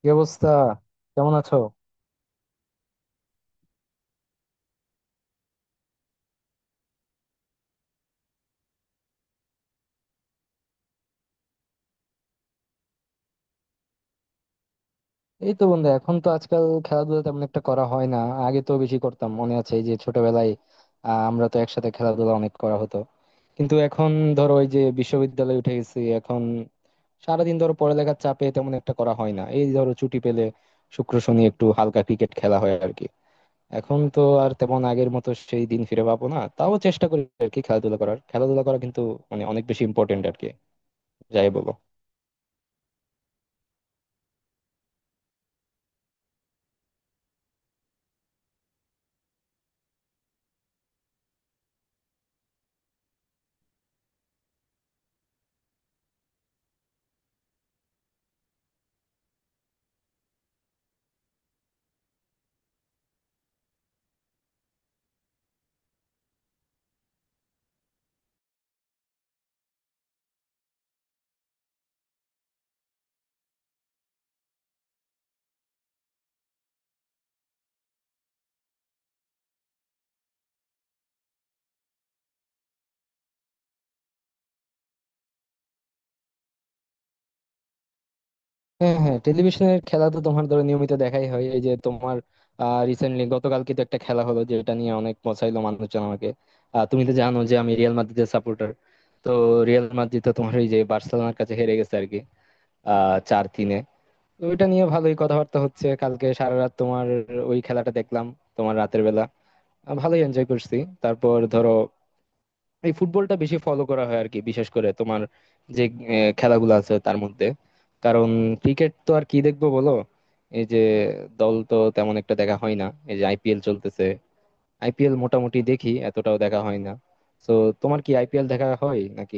কি অবস্থা? কেমন আছো? এই তো বন্ধু, এখন তো আজকাল খেলাধুলা তেমন একটা করা হয় না। আগে তো বেশি করতাম, মনে আছে এই যে ছোটবেলায়, আমরা তো একসাথে খেলাধুলা অনেক করা হতো। কিন্তু এখন ধরো, ওই যে বিশ্ববিদ্যালয়ে উঠে গেছি এখন। সারাদিন ধরো পড়ালেখার চাপে তেমন একটা করা হয় না, এই ধরো ছুটি পেলে শুক্র শনি একটু হালকা ক্রিকেট খেলা হয় আর কি। এখন তো আর তেমন আগের মতো সেই দিন ফিরে পাবো না, তাও চেষ্টা করি আর কি খেলাধুলা করা কিন্তু মানে অনেক বেশি ইম্পর্টেন্ট আর কি, যাই বলো। হ্যাঁ, হ্যাঁ, টেলিভিশনের খেলা তো তোমার ধরো নিয়মিত দেখাই হয়। এই যে তোমার রিসেন্টলি গতকালকে তো একটা খেলা হলো, যেটা নিয়ে অনেক পচাইলো মানুষজন আমাকে। তুমি তো জানো যে আমি রিয়াল মাদ্রিদের সাপোর্টার। তো রিয়াল মাদ্রিদ তো তোমার ওই যে বার্সেলোনার কাছে হেরে গেছে আর কি, 4-3-এ। তো ওইটা নিয়ে ভালোই কথাবার্তা হচ্ছে। কালকে সারা রাত তোমার ওই খেলাটা দেখলাম, তোমার রাতের বেলা, ভালোই এনজয় করছি। তারপর ধরো এই ফুটবলটা বেশি ফলো করা হয় আর কি, বিশেষ করে তোমার যে খেলাগুলো আছে তার মধ্যে। কারণ ক্রিকেট তো আর কি দেখবো বলো, এই যে দল তো তেমন একটা দেখা হয় না। এই যে আইপিএল চলতেছে, আইপিএল মোটামুটি দেখি, এতটাও দেখা হয় না। তো তোমার কি আইপিএল দেখা হয় নাকি?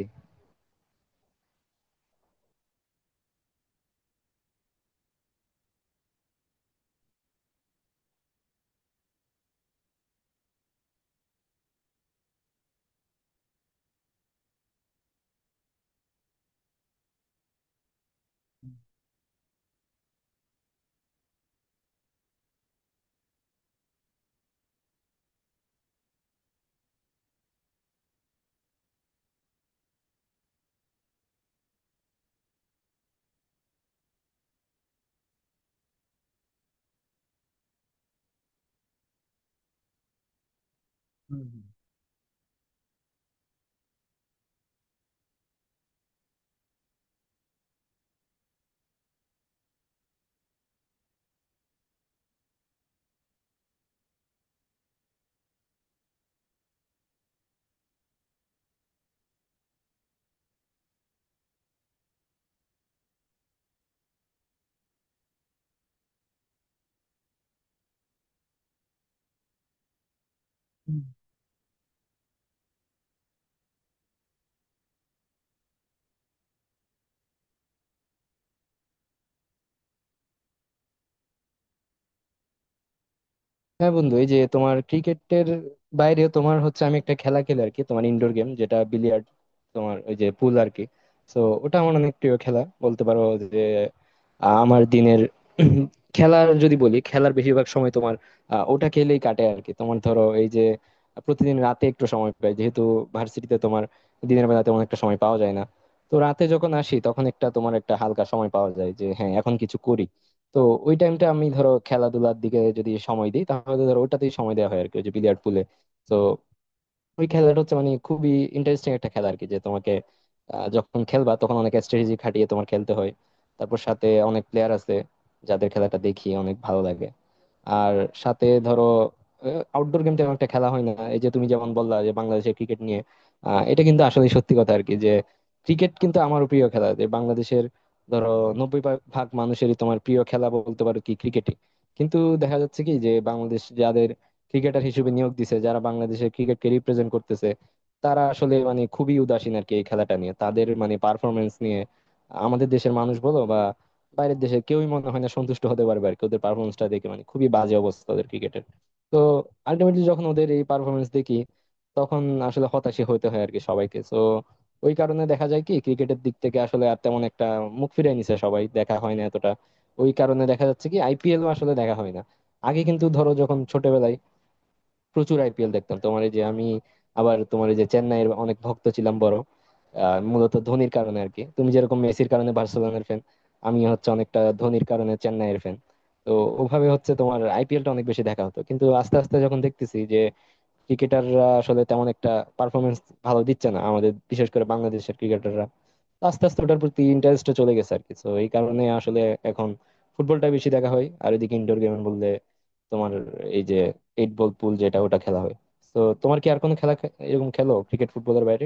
হুম। হ্যাঁ বন্ধু, এই যে তোমার ক্রিকেটের বাইরে তোমার হচ্ছে আমি একটা খেলা খেলি আর কি, তোমার ইনডোর গেম, যেটা বিলিয়ার্ড, তোমার ওই যে পুল আর কি। তো ওটা আমার অনেক প্রিয় খেলা বলতে পারো, যে আমার দিনের খেলার যদি বলি, খেলার বেশিরভাগ সময় তোমার ওটা খেলেই কাটে আর কি। তোমার ধরো এই যে প্রতিদিন রাতে একটু সময় পাই, যেহেতু ভার্সিটিতে তোমার দিনের বেলা তেমন একটা সময় পাওয়া যায় না। তো রাতে যখন আসি তখন একটা তোমার একটা হালকা সময় পাওয়া যায়, যে হ্যাঁ এখন কিছু করি। তো ওই টাইমটা আমি ধরো খেলাধুলার দিকে যদি সময় দিই তাহলে ধরো ওটাতেই সময় দেওয়া হয় আর কি, ওই যে বিলিয়ার্ড পুলে। তো ওই খেলাটা হচ্ছে মানে খুবই ইন্টারেস্টিং একটা খেলা আর কি, যে তোমাকে যখন খেলবা তখন অনেক স্ট্র্যাটেজি খাটিয়ে তোমার খেলতে হয়। তারপর সাথে অনেক প্লেয়ার আছে যাদের খেলাটা দেখি অনেক ভালো লাগে। আর সাথে ধরো আউটডোর গেম তেমন একটা খেলা হয় না। এই যে তুমি যেমন বললা যে বাংলাদেশের ক্রিকেট নিয়ে, এটা কিন্তু আসলে সত্যি কথা আর কি, যে ক্রিকেট কিন্তু আমার প্রিয় খেলা, যে বাংলাদেশের ধরো নব্বই ভাগ মানুষেরই তোমার প্রিয় খেলা বলতে পারো কি ক্রিকেটই। কিন্তু দেখা যাচ্ছে কি যে বাংলাদেশ যাদের ক্রিকেটার হিসেবে নিয়োগ দিছে, যারা বাংলাদেশের ক্রিকেটকে রিপ্রেজেন্ট করতেছে, তারা আসলে মানে খুবই উদাসীন আর কি এই খেলাটা নিয়ে, তাদের মানে পারফরমেন্স নিয়ে আমাদের দেশের মানুষ বলো বা বাইরের দেশের কেউই মনে হয় না সন্তুষ্ট হতে পারবে আর কি। ওদের পারফরমেন্সটা দেখে মানে খুবই বাজে অবস্থা ওদের ক্রিকেটের। তো আলটিমেটলি যখন ওদের এই পারফরমেন্স দেখি তখন আসলে হতাশই হতে হয় আর কি সবাইকে। তো ওই কারণে দেখা যায় কি ক্রিকেটের দিক থেকে আসলে আর তেমন একটা, মুখ ফিরিয়ে নিছে সবাই, দেখা হয় না এতটা। ওই কারণে দেখা যাচ্ছে কি আইপিএল আসলে দেখা হয় না। আগে কিন্তু ধরো যখন ছোটবেলায় প্রচুর আইপিএল দেখতাম তোমার, এই যে আমি আবার তোমার এই যে চেন্নাইয়ের অনেক ভক্ত ছিলাম, মূলত ধোনির কারণে আর কি, তুমি যেরকম মেসির কারণে বার্সেলোনার ফ্যান, আমি হচ্ছে অনেকটা ধোনির কারণে চেন্নাইয়ের ফ্যান। তো ওভাবে হচ্ছে তোমার আইপিএল টা অনেক বেশি দেখা হতো, কিন্তু আস্তে আস্তে যখন দেখতেছি যে ক্রিকেটাররা আসলে তেমন একটা পারফরমেন্স ভালো দিচ্ছে না আমাদের, বিশেষ করে বাংলাদেশের ক্রিকেটাররা, আস্তে আস্তে ওটার প্রতি ইন্টারেস্টটা চলে গেছে আর কি। তো এই কারণে আসলে এখন ফুটবলটা বেশি দেখা হয়। আর এদিকে ইনডোর গেম বললে তোমার এই যে এইট বল পুল, যেটা ওটা খেলা হয়। তো তোমার কি আর কোনো খেলা এরকম খেলো ক্রিকেট ফুটবলের বাইরে?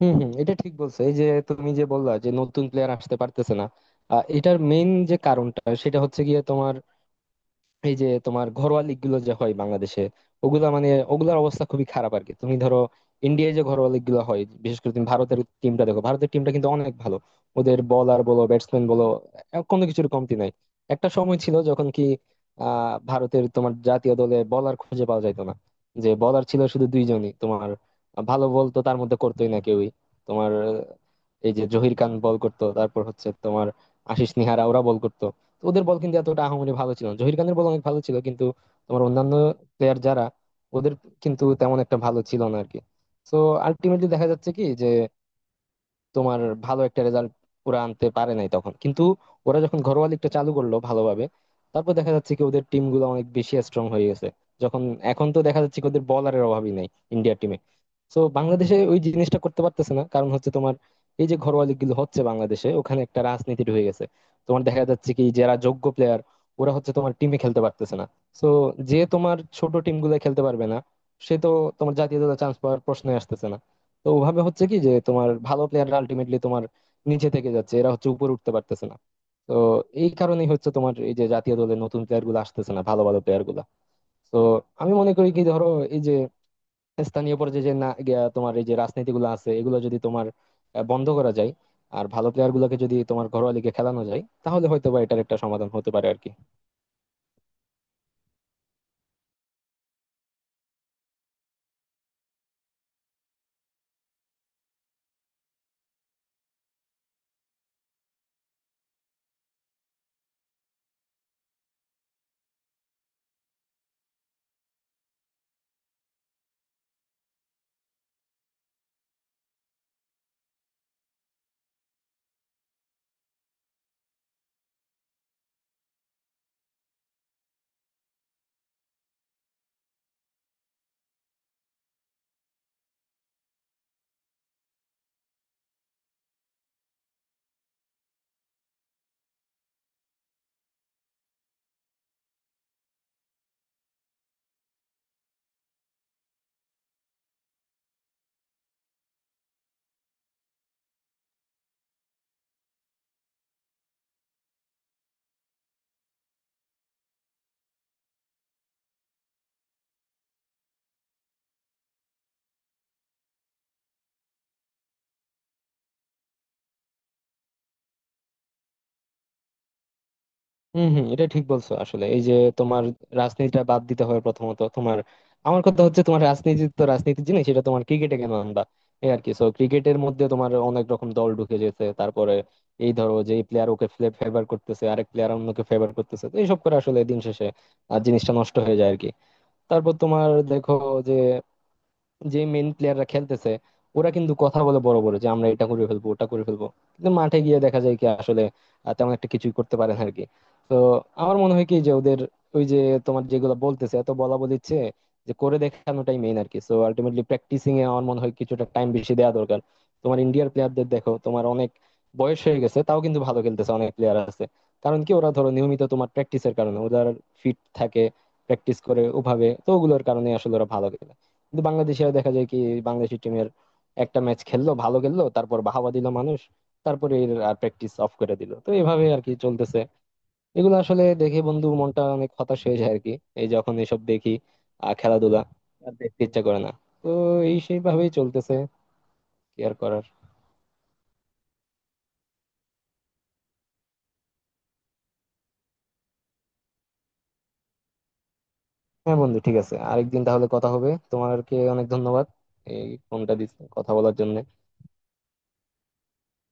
হম, হম, এটা ঠিক বলছো। এই যে তুমি যে বললা যে নতুন প্লেয়ার আসতে পারতেছে না, এটার মেইন যে কারণটা সেটা হচ্ছে গিয়ে তোমার এই যে তোমার ঘরোয়া লিগ গুলো যে হয় বাংলাদেশে, ওগুলা মানে ওগুলার অবস্থা খুবই খারাপ আর কি। তুমি ধরো ইন্ডিয়ায় যে ঘরোয়া লিগ গুলো হয়, বিশেষ করে তুমি ভারতের টিমটা দেখো, ভারতের টিমটা কিন্তু অনেক ভালো। ওদের বলার বলো, ব্যাটসম্যান বলো, কোনো কিছুর কমতি নাই। একটা সময় ছিল যখন কি ভারতের তোমার জাতীয় দলে বলার খুঁজে পাওয়া যাইতো না, যে বলার ছিল শুধু দুইজনই তোমার, ভালো বল তো তার মধ্যে করতোই না কেউই। তোমার এই যে জহির খান বল করতো, তারপর হচ্ছে তোমার আশিস নিহারা, ওরা বল করতো। তো ওদের বল কিন্তু এতটা আহামরি ভালো ছিল না, জহির খানের বল অনেক ভালো ছিল, কিন্তু তোমার অন্যান্য প্লেয়ার যারা ওদের কিন্তু তেমন একটা ভালো ছিল না আরকি। তো আলটিমেটলি দেখা যাচ্ছে কি যে তোমার ভালো একটা রেজাল্ট ওরা আনতে পারে নাই তখন। কিন্তু ওরা যখন ঘরোয়া লিগটা চালু করলো ভালোভাবে, তারপর দেখা যাচ্ছে কি ওদের টিম গুলো অনেক বেশি স্ট্রং হয়ে গেছে। যখন এখন তো দেখা যাচ্ছে কি ওদের বলারের অভাবই নাই ইন্ডিয়ার টিমে। তো বাংলাদেশে ওই জিনিসটা করতে পারতেছে না, কারণ হচ্ছে তোমার এই যে ঘরোয়া লিগ গুলো হচ্ছে বাংলাদেশে, ওখানে একটা রাজনীতি ঢুকে গেছে। তোমার দেখা যাচ্ছে কি, যারা যোগ্য প্লেয়ার ওরা হচ্ছে তোমার টিমে খেলতে পারতেছে না। তো যে তোমার ছোট টিম গুলো খেলতে পারবে না, সে তো তোমার জাতীয় দলে চান্স পাওয়ার প্রশ্নই আসতেছে না। তো ওভাবে হচ্ছে কি, যে তোমার ভালো প্লেয়াররা আলটিমেটলি তোমার নিচে থেকে যাচ্ছে, এরা হচ্ছে উপরে উঠতে পারতেছে না। তো এই কারণেই হচ্ছে তোমার এই যে জাতীয় দলের নতুন প্লেয়ার গুলো আসতেছে না, ভালো ভালো প্লেয়ার গুলা। তো আমি মনে করি কি ধরো এই যে স্থানীয় পর্যায়ে যে না গিয়া তোমার এই যে রাজনীতি গুলো আছে, এগুলো যদি তোমার বন্ধ করা যায়, আর ভালো প্লেয়ার গুলোকে যদি তোমার ঘরোয়া লিগে খেলানো যায়, তাহলে হয়তো বা এটার একটা সমাধান হতে পারে আর কি। হম, হম, এটা ঠিক বলছো আসলে। এই যে তোমার রাজনীতিটা বাদ দিতে হবে প্রথমত তোমার। আমার কথা হচ্ছে, তোমার রাজনীতি তো রাজনীতির জিনিস, সেটা তোমার ক্রিকেটে কেন আনবা এই আর কি। সো ক্রিকেটের মধ্যে তোমার অনেক রকম দল ঢুকে যেতে, তারপরে এই ধরো যে এই প্লেয়ার ওকে ফেভার করতেছে, আরেক প্লেয়ার অন্যকে ফেভার করতেছে, তো এইসব করে আসলে দিন শেষে আর জিনিসটা নষ্ট হয়ে যায় আর কি। তারপর তোমার দেখো, যে যে মেইন প্লেয়াররা খেলতেছে ওরা কিন্তু কথা বলে বড় বড় যে আমরা এটা করে ফেলবো, ওটা করে ফেলবো, কিন্তু মাঠে গিয়ে দেখা যায় কি আসলে তেমন একটা কিছুই করতে পারে না আর কি। তো আমার মনে হয় কি যে ওদের ওই যে তোমার যেগুলো বলতেছে, এত বলা বলিচ্ছে, যে করে দেখানোটাই মেইন আর কি। সো আলটিমেটলি প্র্যাকটিসিং এ আমার মনে হয় কিছুটা টাইম বেশি দেওয়া দরকার। তোমার ইন্ডিয়ার প্লেয়ারদের দেখো, তোমার অনেক বয়স হয়ে গেছে, তাও কিন্তু ভালো খেলতেছে অনেক প্লেয়ার আছে। কারণ কি ওরা ধরো নিয়মিত তোমার প্র্যাকটিসের কারণে ওদের ফিট থাকে, প্র্যাকটিস করে ওভাবে। তো ওগুলোর কারণে আসলে ওরা ভালো খেলে। কিন্তু বাংলাদেশিরা দেখা যায় কি, বাংলাদেশি টিমের একটা ম্যাচ খেললো, ভালো খেললো, তারপর বাহাবা দিল মানুষ, তারপরে এর আর প্র্যাকটিস অফ করে দিল। তো এভাবে আর কি চলতেছে। এগুলো আসলে দেখে বন্ধু মনটা অনেক হতাশ হয়ে যায় আর কি, এই যখন এসব দেখি। খেলাধুলা আর দেখতে ইচ্ছা করে না। তো এই সেইভাবেই চলতেছে, কি আর করার। হ্যাঁ বন্ধু, ঠিক আছে, আরেকদিন তাহলে কথা হবে। তোমাকে অনেক ধন্যবাদ এই ফোনটা দিস কথা বলার জন্য।